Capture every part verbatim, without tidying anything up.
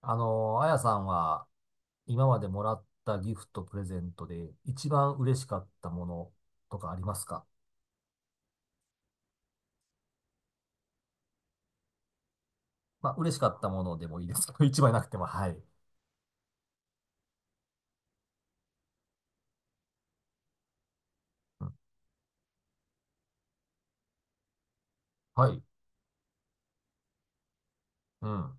あの、あやさんは今までもらったギフト、プレゼントで一番嬉しかったものとかありますか？まあ、嬉しかったものでもいいですけど、一番なくても、はい。うん、はい。うん。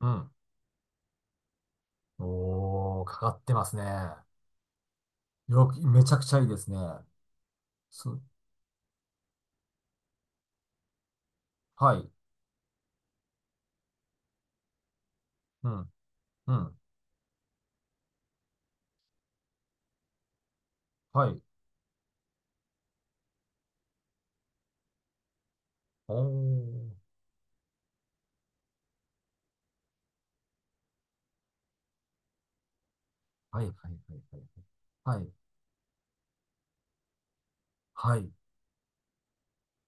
うん。おー、かかってますね。よく、めちゃくちゃいいですね。す、はい。うん。うん。はい。おー。はい、はい、はい、はい。はい。はい。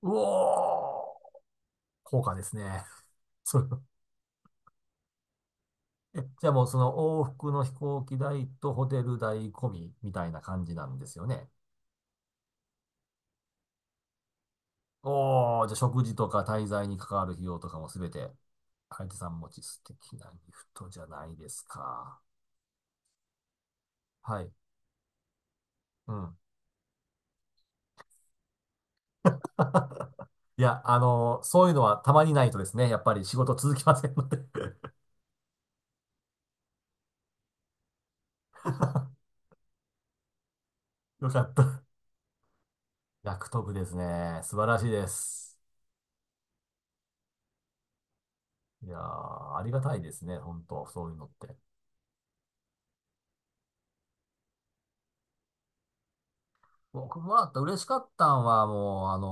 うおー。高価ですね。それえ、じゃあもうその往復の飛行機代とホテル代込みみたいな感じなんですよね。おー、じゃあ食事とか滞在に関わる費用とかもすべて、相手さん持ち素敵なギフトじゃないですか。はい。うん。いや、あのそういうのはたまにないとですね、やっぱり仕事続きませんので。 よかった。役得ですね。素晴らしいです。いやー、ありがたいですね、本当そういうのって。僕もらった嬉しかったんは、もう、あの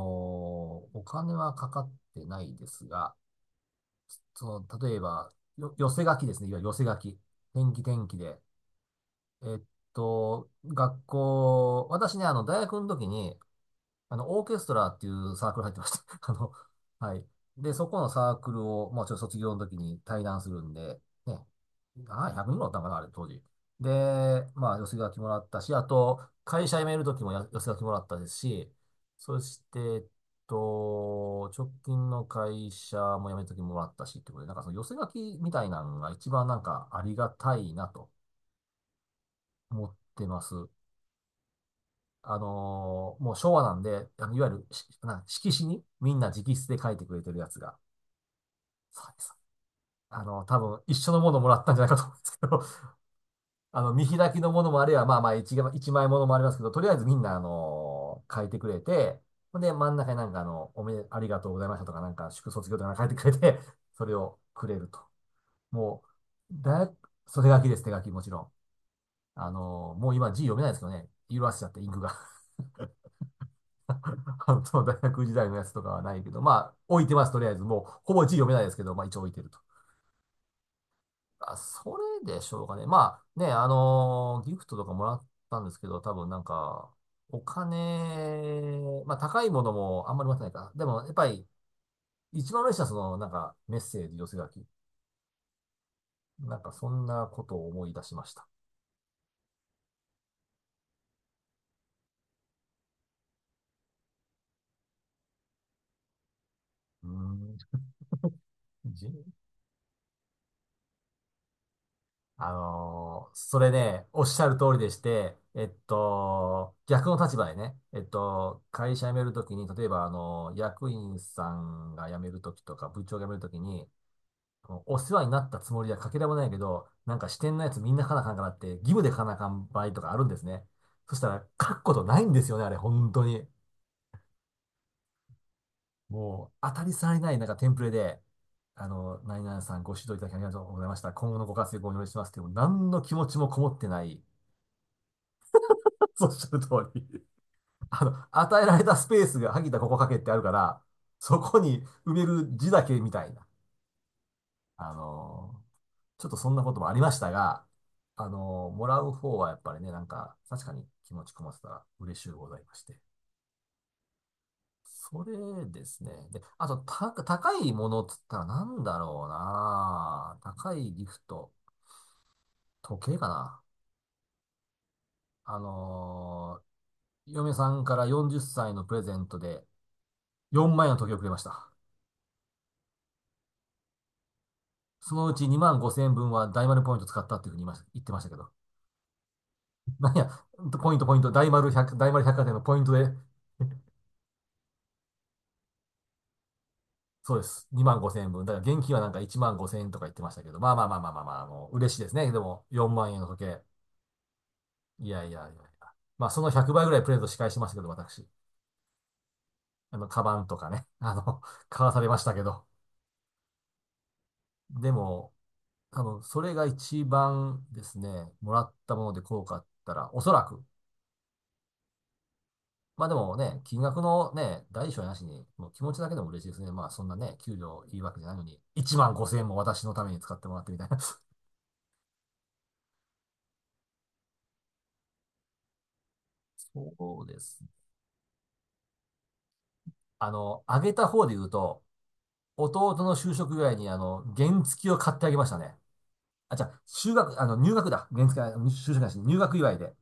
ーお金はかかってないですが、その、例えば、よ、寄せ書きですね。いわゆる寄せ書き。天気天気で。えっと、学校、私ね、あの、大学の時に、あの、オーケストラっていうサークル入ってました。あの、はい。で、そこのサークルを、もうちょっと卒業の時に対談するんで、ね。ああ、ひゃくにんぐらいおったんかな、あれ、当時。で、まあ、寄せ書きもらったし、あと、会社辞める時もや寄せ書きもらったですし、そして、えっと、直近の会社も辞める時ももらったし、ってことで、なんかその寄せ書きみたいなのが一番なんかありがたいなと思ってます。あのーもう昭和なんで、あの、いわゆるし、な、色紙にみんな直筆で書いてくれてるやつが、そうです。あの、多分一緒のものもらったんじゃないかと思うんですけど、あの、見開きのものもあれば、まあまあ一が、一枚ものもありますけど、とりあえずみんな、あのー書いてくれて、ほんで、真ん中になんかあの、おめで、ありがとうございましたとか、なんか、祝卒業とかなんか書いてくれて、それをくれると。もう、大学、それ手書きです、手書き、もちろん。あのーもう今字読めないですけどね、色あせちゃって、インクが。関東大学時代のやつとかはないけど、まあ、置いてます、とりあえず。もう、ほぼ字読めないですけど、まあ、一応置いてると。あ、それでしょうかね。まあ、ね、あのーギフトとかもらったんですけど、多分なんか、お金、まあ、高いものもあんまり持ってないか。でも、やっぱり、一番嬉しいのは、その、なんか、メッセージ、寄せ書き。なんか、そんなことを思い出しました。うーん、人あのーそれね、おっしゃる通りでして、えっと、逆の立場でね、えっと、会社辞めるときに、例えば、あのー役員さんが辞めるときとか、部長が辞めるときに、お世話になったつもりはかけらもないけど、なんか支店のやつみんな書かなあかんからって、義務で書かなあかん場合とかあるんですね。そしたら、書くことないんですよね、あれ、本当に。もう、当たり障りない、なんかテンプレで、あの、何々さんご指導いただきありがとうございました。今後のご活躍をお祈りしますっていう、もう何の気持ちもこもってない、そうおっしゃる通り。あの、与えられたスペースが、萩田ここ書けってあるから、そこに埋める字だけみたいな。あのーちょっとそんなこともありましたが、あのーもらう方はやっぱりね、なんか、確かに気持ちこもってたら嬉しゅうございまして。それですね。で、あと、た、高いものっつったらなんだろうな。高いギフト。時計かな。あのー嫁さんからよんじゅっさいのプレゼントでよんまん円の時計をくれました。そのうちにまんごせん円分は大丸ポイント使ったっていうふうに言いました、言ってましたけど。なんや、ポイント、ポイント、大丸1大丸百貨店のポイントで、そうです。にまんごせん円分。だから現金はなんかいちまんごせん円とか言ってましたけど、まあまあまあまあまあまあ、もう嬉しいですね。でも、よんまん円の時計。いやいやいやいや。まあ、そのひゃくばいぐらいプレゼント仕返しましたけど、私。あの、カバンとかね、あの、買わされましたけど。でも、多分、それが一番ですね、もらったもので効果あったら、おそらく、まあでもね、金額のね、大小なしに、もう気持ちだけでも嬉しいですね。まあそんなね、給料いいわけじゃないのに、いちまんごせん円も私のために使ってもらってみたいな。そうですね。あの、あげた方で言うと、弟の就職祝いにあの、原付きを買ってあげましたね。あ、じゃあ、就学、あの、入学だ。原付き、あの就職なし、入学祝いで。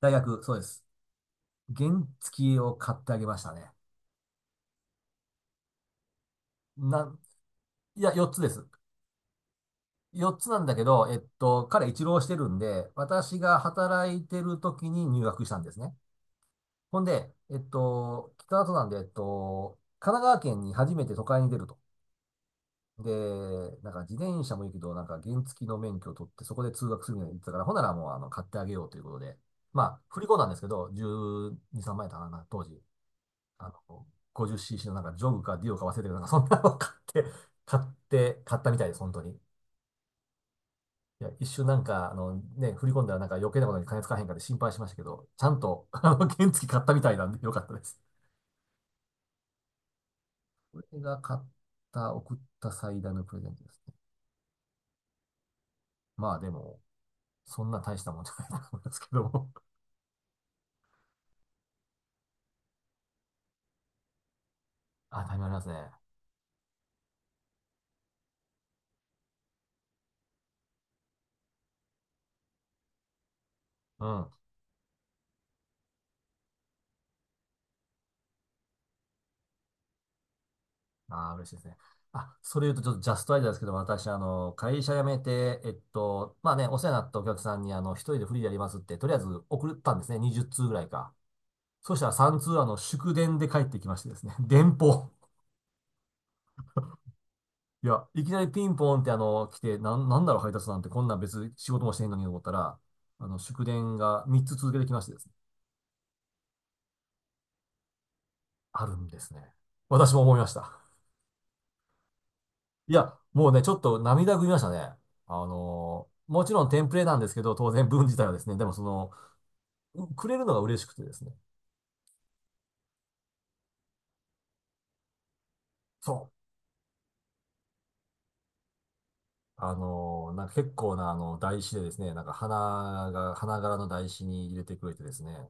大学、そうです。原付きを買ってあげましたね。なん、いや、よっつです。よっつなんだけど、えっと、彼一浪してるんで、私が働いてる時に入学したんですね。ほんで、えっと、北里なんで、えっと、神奈川県に初めて都会に出ると。で、なんか自転車もいいけど、なんか原付の免許を取ってそこで通学するみたいに言ってたから、ほんならもうあの買ってあげようということで。まあ、振り込んだんですけど、じゅうに、さんまん円だったかな、当時。あの、ごじゅうシーシー のなんかジョグかディオか忘れてるけど、なんかそんなの買って、買って、買ったみたいです、本当に。いや、一瞬なんか、あのね、振り込んだらなんか余計なことに金使わへんかで心配しましたけど、ちゃんと、あの、原付買ったみたいなんでよかったです。れが買った、送った最大のプレゼントですね。まあでも、そんな大したもんじゃないと思いますけども。あ、タイムありますね。うん。ああ、嬉しいですね。あ、それ言うとちょっとジャストアイデアですけど、私、あの、会社辞めて、えっと、まあね、お世話になったお客さんに、あの、一人でフリーでやりますって、とりあえず送ったんですね。にじゅう通ぐらいか。そしたらさん通、あの、祝電で帰ってきましてですね。電報。いや、いきなりピンポンって、あの、来て、なん、なんだろう、配達なんて、こんなん別に仕事もしてへんのにと思ったら、あの、祝電がみっつ続けてきましてですね、あるんですね。私も思いました。いや、もうね、ちょっと涙ぐみましたね。あのーもちろんテンプレなんですけど、当然文自体はですね、でもその、うくれるのが嬉しくてですね。そう。あのーなんか結構なあの、台紙でですね、なんか花が、花柄の台紙に入れてくれてですね。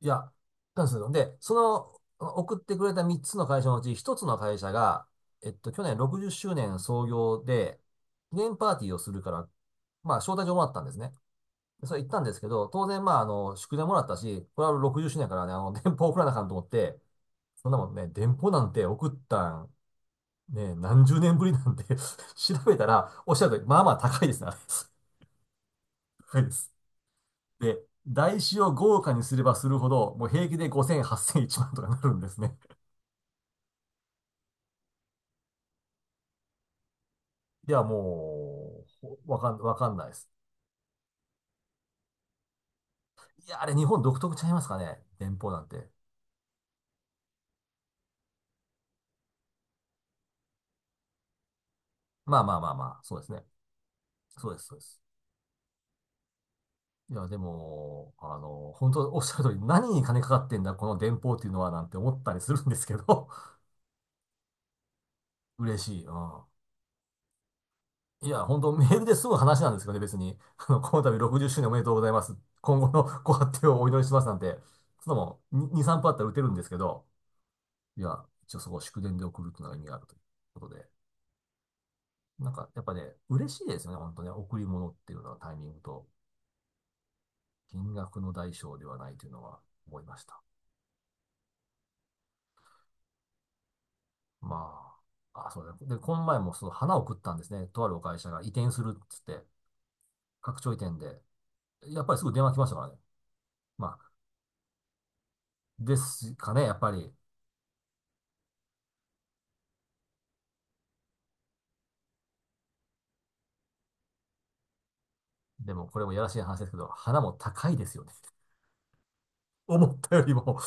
いや、なんですよ。で、その、送ってくれたみっつの会社のうちひとつの会社が、えっと、去年ろくじゅっしゅうねん創業で、記念パーティーをするから、まあ、招待状もらったんですね。それ行ったんですけど、当然、まあ、あの、宿題もらったし、これはろくじゅっしゅうねんやからね、あの、電報送らなあかんと思って、そんなもんね、電報なんて送ったん、ね、何十年ぶりなんで、 調べたら、おっしゃるとり、まあまあ高いですね、あれ。高いです。で、台紙を豪華にすればするほど、もう平気でごせん、はっせん、いちまんとかなるんですね。いや、もう、わかん、わかんないです。いや、あれ日本独特ちゃいますかね、電報なんて。まあまあまあまあ、そうですね。そうです、そうです。いや、でも、あの、本当おっしゃる通り、何に金かかってんだ、この電報っていうのは、なんて思ったりするんですけど、嬉しい。うん。いや、本当メールですぐ話なんですけどね、別に。あの、この度ろくじゅっしゅうねんおめでとうございます。今後の ご発展をお祈りしますなんて、そんなもん、に、さんぷんあったら打てるんですけど、いや、一応そこを祝電で送るっていうのが意味があるということで。なんか、やっぱね、嬉しいですよね、本当ね。贈り物っていうのはタイミングと、金額の代償ではないというのは思いました。まあ、あ、そうだね。で、この前もその花を食ったんですね。とあるお会社が移転するっつって、拡張移転で。やっぱりすぐ電話来ましたからね。まあ、ですかね、やっぱり。でもこれもやらしい話ですけど、花も高いですよね。思ったよりも